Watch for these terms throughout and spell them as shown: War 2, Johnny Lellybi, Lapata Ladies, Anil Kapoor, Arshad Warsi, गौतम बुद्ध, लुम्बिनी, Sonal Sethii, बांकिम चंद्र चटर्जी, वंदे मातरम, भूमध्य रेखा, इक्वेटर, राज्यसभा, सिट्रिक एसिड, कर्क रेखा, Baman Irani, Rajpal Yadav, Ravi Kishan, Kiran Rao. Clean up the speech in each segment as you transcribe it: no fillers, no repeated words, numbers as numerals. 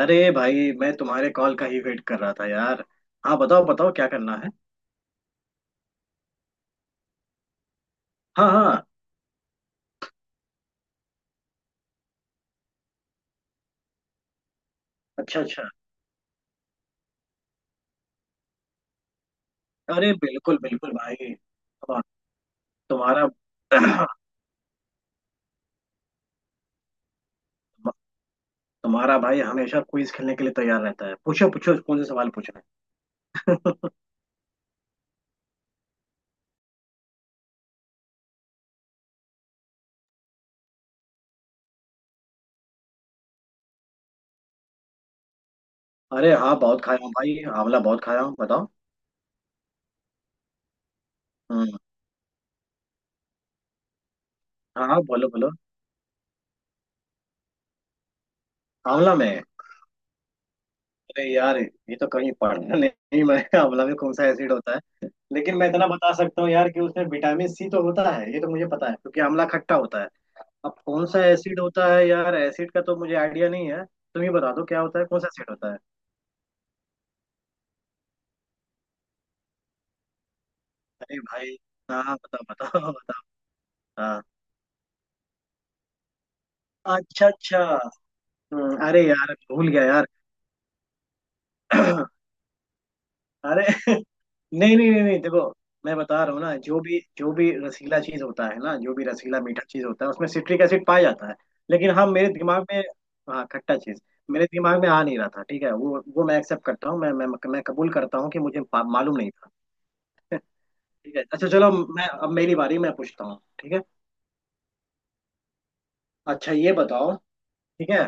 अरे भाई, मैं तुम्हारे कॉल का ही वेट कर रहा था यार। हाँ, बताओ बताओ, क्या करना है। हाँ हाँ। अच्छा अच्छा। अरे बिल्कुल बिल्कुल भाई। हाँ, तुम्हारा तुम्हारा भाई हमेशा क्विज खेलने के लिए तैयार रहता है। पूछो पूछो, कौन से सवाल पूछना है। अरे हाँ, बहुत खाया हूँ भाई, आंवला बहुत खाया हूँ, बताओ। हम्म। हाँ हाँ, बोलो बोलो। आंवला में? अरे यार, ये तो कहीं पढ़ा नहीं मैं। आंवला में कौन सा एसिड होता है? लेकिन मैं इतना बता सकता हूँ यार कि उसमें विटामिन सी तो होता है, ये तो मुझे पता है क्योंकि आंवला खट्टा होता है। अब कौन सा एसिड होता है यार, एसिड का तो मुझे आइडिया नहीं है, तुम ही बता दो क्या होता है, कौन सा एसिड होता है। अरे भाई, हाँ, बताओ बताओ, बताओ। हाँ। अच्छा अच्छा। अरे यार, भूल गया यार। अरे नहीं नहीं नहीं नहीं, देखो मैं बता रहा हूँ ना, जो भी रसीला चीज होता है ना, जो भी रसीला मीठा चीज होता है उसमें सिट्रिक एसिड पाया जाता है। लेकिन हाँ, मेरे दिमाग में, हाँ, खट्टा चीज, मेरे दिमाग में आ नहीं रहा था। ठीक है, वो मैं एक्सेप्ट करता हूँ। मैं कबूल करता हूँ कि मुझे मालूम नहीं था। ठीक है, अच्छा चलो, मैं अब मेरी बारी, मैं पूछता हूँ, ठीक है। अच्छा ये बताओ, ठीक है,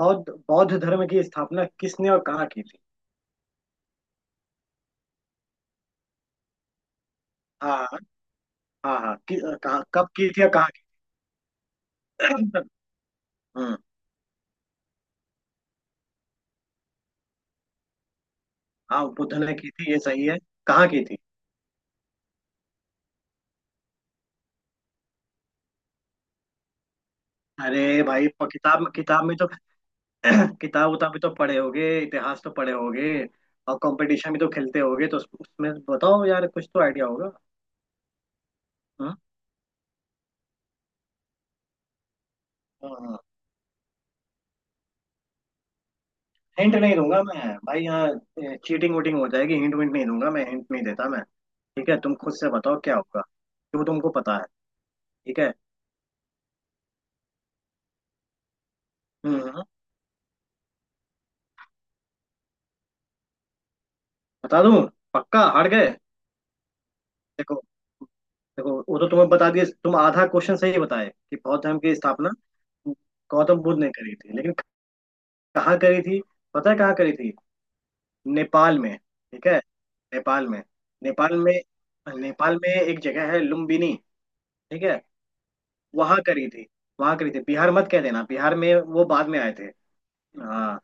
बौद्ध बौद्ध धर्म की स्थापना किसने और कहाँ की थी? हाँ हाँ हाँ, कहाँ कब की थी और कहाँ की थी? हम्म। हाँ, बुद्ध ने की थी, ये सही है। कहाँ की थी? अरे भाई, किताब किताब में तो किताब उताब भी तो पढ़े होगे, इतिहास तो पढ़े होगे और कंपटीशन भी तो खेलते होगे, तो उसमें बताओ यार, कुछ तो आइडिया होगा। हम्म। हिंट नहीं दूंगा मैं भाई, यहाँ चीटिंग वोटिंग हो जाएगी, हिंट विंट नहीं दूंगा मैं, हिंट नहीं देता मैं। ठीक है, तुम खुद से बताओ क्या होगा जो तुमको पता है, ठीक है। हम्म। बता दूं? पक्का हार गए? देखो, देखो वो तो तुम्हें बता दिए, तुम आधा क्वेश्चन सही बताए कि बौद्ध धर्म की स्थापना गौतम बुद्ध ने करी थी, लेकिन कहाँ करी थी, पता है कहाँ करी थी? नेपाल में, ठीक है। नेपाल में। नेपाल में। नेपाल में एक जगह है लुम्बिनी, ठीक है। वहां करी थी, वहां करी थी। बिहार मत कह देना, बिहार में वो बाद में आए थे। हाँ,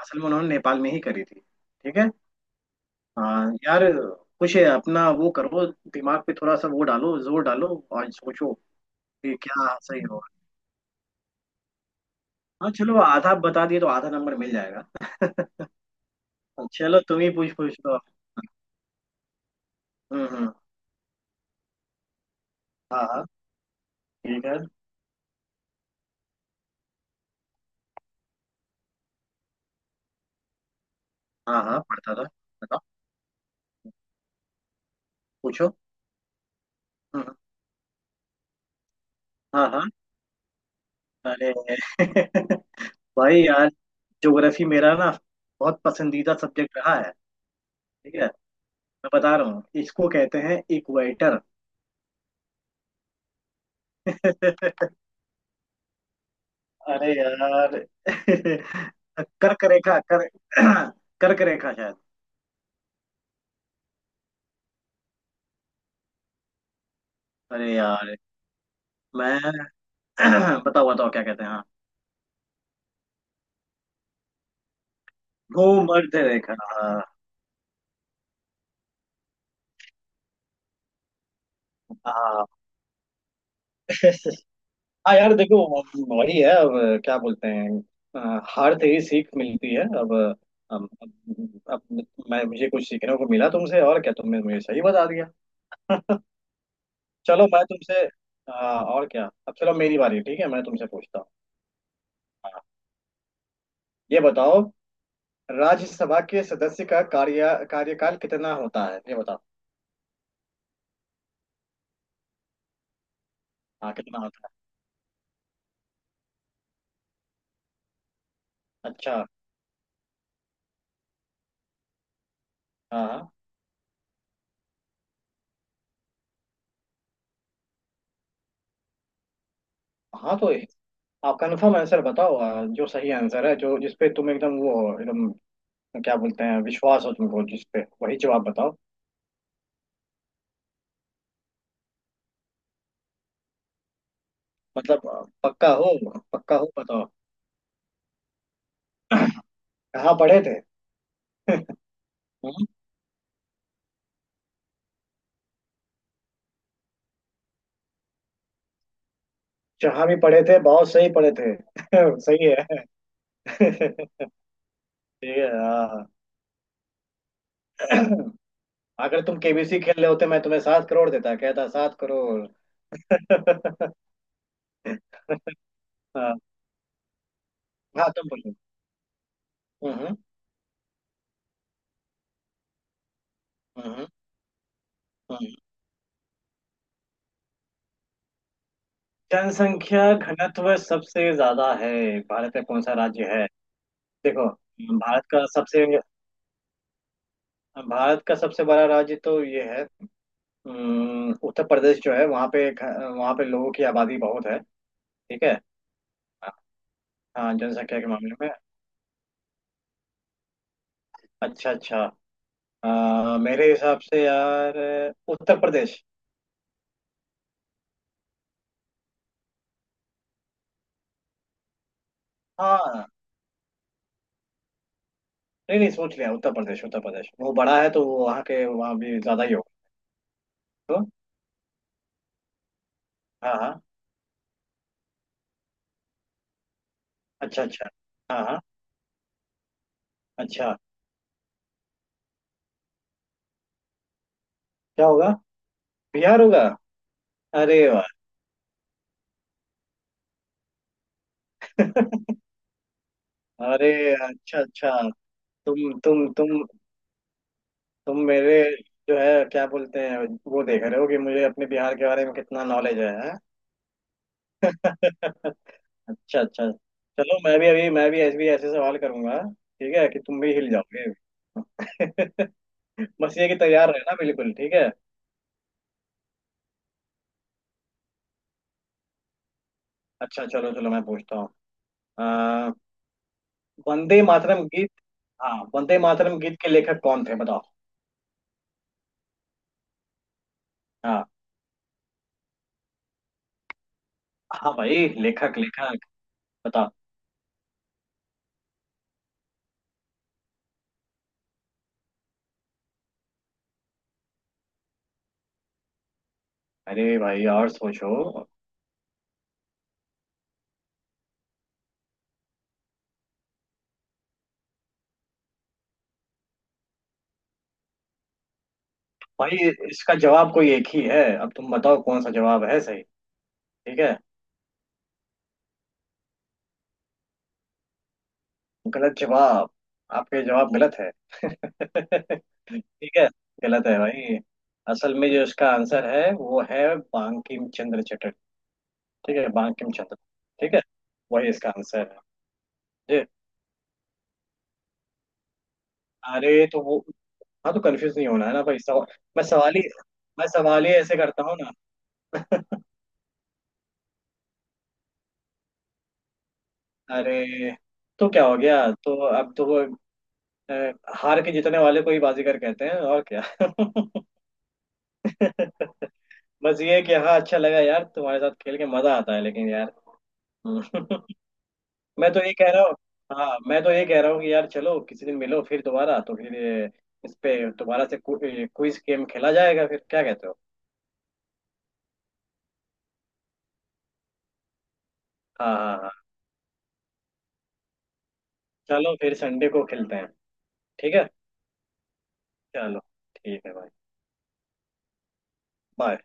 असल में उन्होंने नेपाल में ही करी थी, ठीक है। हाँ यार, कुछ अपना वो करो, दिमाग पे थोड़ा सा वो डालो, जोर डालो और सोचो कि क्या सही होगा। हाँ चलो, आधा बता दिए तो आधा नंबर मिल जाएगा। चलो, तुम ही पूछ पूछ लो। हम्म। हाँ हाँ। ठीक है। हाँ हाँ, पढ़ता था, बताओ। पूछो। हम्म। हाँ हाँ। अरे भाई यार, ज्योग्राफी मेरा ना बहुत पसंदीदा सब्जेक्ट रहा है, ठीक है। मैं बता रहा हूँ, इसको कहते हैं इक्वेटर। अरे यार कर्क रेखा कर कर्क रेखा शायद। अरे यार, मैं बताओ बताओ क्या कहते हैं, हाँ। भूमध्य रेखा, हाँ हाँ। हाँ यार देखो, वही है अब, क्या बोलते हैं, हार से ही सीख मिलती है। अब, अब, अब मैं, मुझे कुछ सीखने को मिला तुमसे और क्या, तुमने मुझे सही बता दिया। चलो मैं तुमसे और क्या, अब चलो मेरी बारी, ठीक है, मैं तुमसे पूछता हूँ। ये बताओ, राज्यसभा के सदस्य का कार्यकाल कितना होता है, ये बताओ। हाँ, कितना होता है, अच्छा। हाँ हाँ। हाँ, तो आप कन्फर्म आंसर बताओ, जो सही आंसर है, जो जिसपे तुम एकदम वो हो, एकदम क्या बोलते हैं, विश्वास हो तुमको जिसपे, वही जवाब बताओ। मतलब पक्का हो? पक्का हो, बताओ। कहाँ पढ़े थे? हम्म? जहाँ भी पढ़े थे, बहुत सही पढ़े थे। सही है। ठीक है, हाँ हाँ। अगर तुम केबीसी खेल रहे होते मैं तुम्हें 7 करोड़ देता, कहता 7 करोड़। हाँ, हाँ, तुम बोलो। हम्म हम्म। हम्म हम्म। जनसंख्या घनत्व सबसे ज्यादा है, भारत में कौन सा राज्य है। देखो, भारत का सबसे, भारत का सबसे बड़ा राज्य तो ये है, उत्तर प्रदेश, जो है वहाँ पे वहाँ पे लोगों की आबादी बहुत है, ठीक है। हाँ, जनसंख्या के मामले में। अच्छा अच्छा। मेरे हिसाब से यार उत्तर प्रदेश। हाँ, नहीं नहीं, सोच लिया, उत्तर प्रदेश, उत्तर प्रदेश वो बड़ा है तो वो वहाँ के वहाँ भी ज्यादा ही होगा तो। हाँ हाँ। अच्छा अच्छा। हाँ हाँ। अच्छा, क्या होगा? बिहार होगा? अरे वाह। अरे, अच्छा अच्छा। तुम तुम तुम तुम मेरे जो है, क्या बोलते हैं, वो देख रहे हो कि मुझे अपने बिहार के बारे में कितना नॉलेज है, हैं? अच्छा अच्छा। चलो मैं भी अभी मैं भी ऐसे सवाल करूंगा, ठीक है, कि तुम भी हिल जाओगे। बस ये कि तैयार रहना बिल्कुल, ठीक है। अच्छा चलो चलो, मैं पूछता हूँ, अ, वंदे मातरम गीत, हाँ, वंदे मातरम गीत के लेखक कौन थे बताओ। हाँ, हाँ भाई, लेखक लेखक। अरे भाई, और सोचो। भाई इसका जवाब कोई एक ही है, अब तुम बताओ कौन सा जवाब है सही, ठीक है। गलत जवाब, आपके जवाब गलत है। ठीक है, गलत है भाई। असल में जो इसका आंसर है वो है बांकिम चंद्र चटर्जी, ठीक है, बांकिम चंद्र, ठीक है, वही इसका आंसर है। जी, अरे तो वो, हाँ तो कंफ्यूज नहीं होना है ना भाई सवाल। मैं सवाल ही मैं सवाल ही ऐसे करता हूँ ना। अरे तो क्या हो गया, तो अब तो वो अ, हार के जीतने वाले को ही बाजीगर कहते हैं, और क्या। बस ये है कि हाँ, अच्छा लगा यार, तुम्हारे साथ खेल के मजा आता है लेकिन यार। हम्म। मैं तो ये कह रहा हूँ, हाँ मैं तो ये कह रहा हूँ कि यार चलो किसी दिन मिलो फिर दोबारा तो फिर इस पे दोबारा से क्विज गेम खेला जाएगा फिर, क्या कहते हो। हाँ हाँ हाँ, चलो फिर संडे को खेलते हैं, ठीक है। चलो, ठीक है भाई। बाय।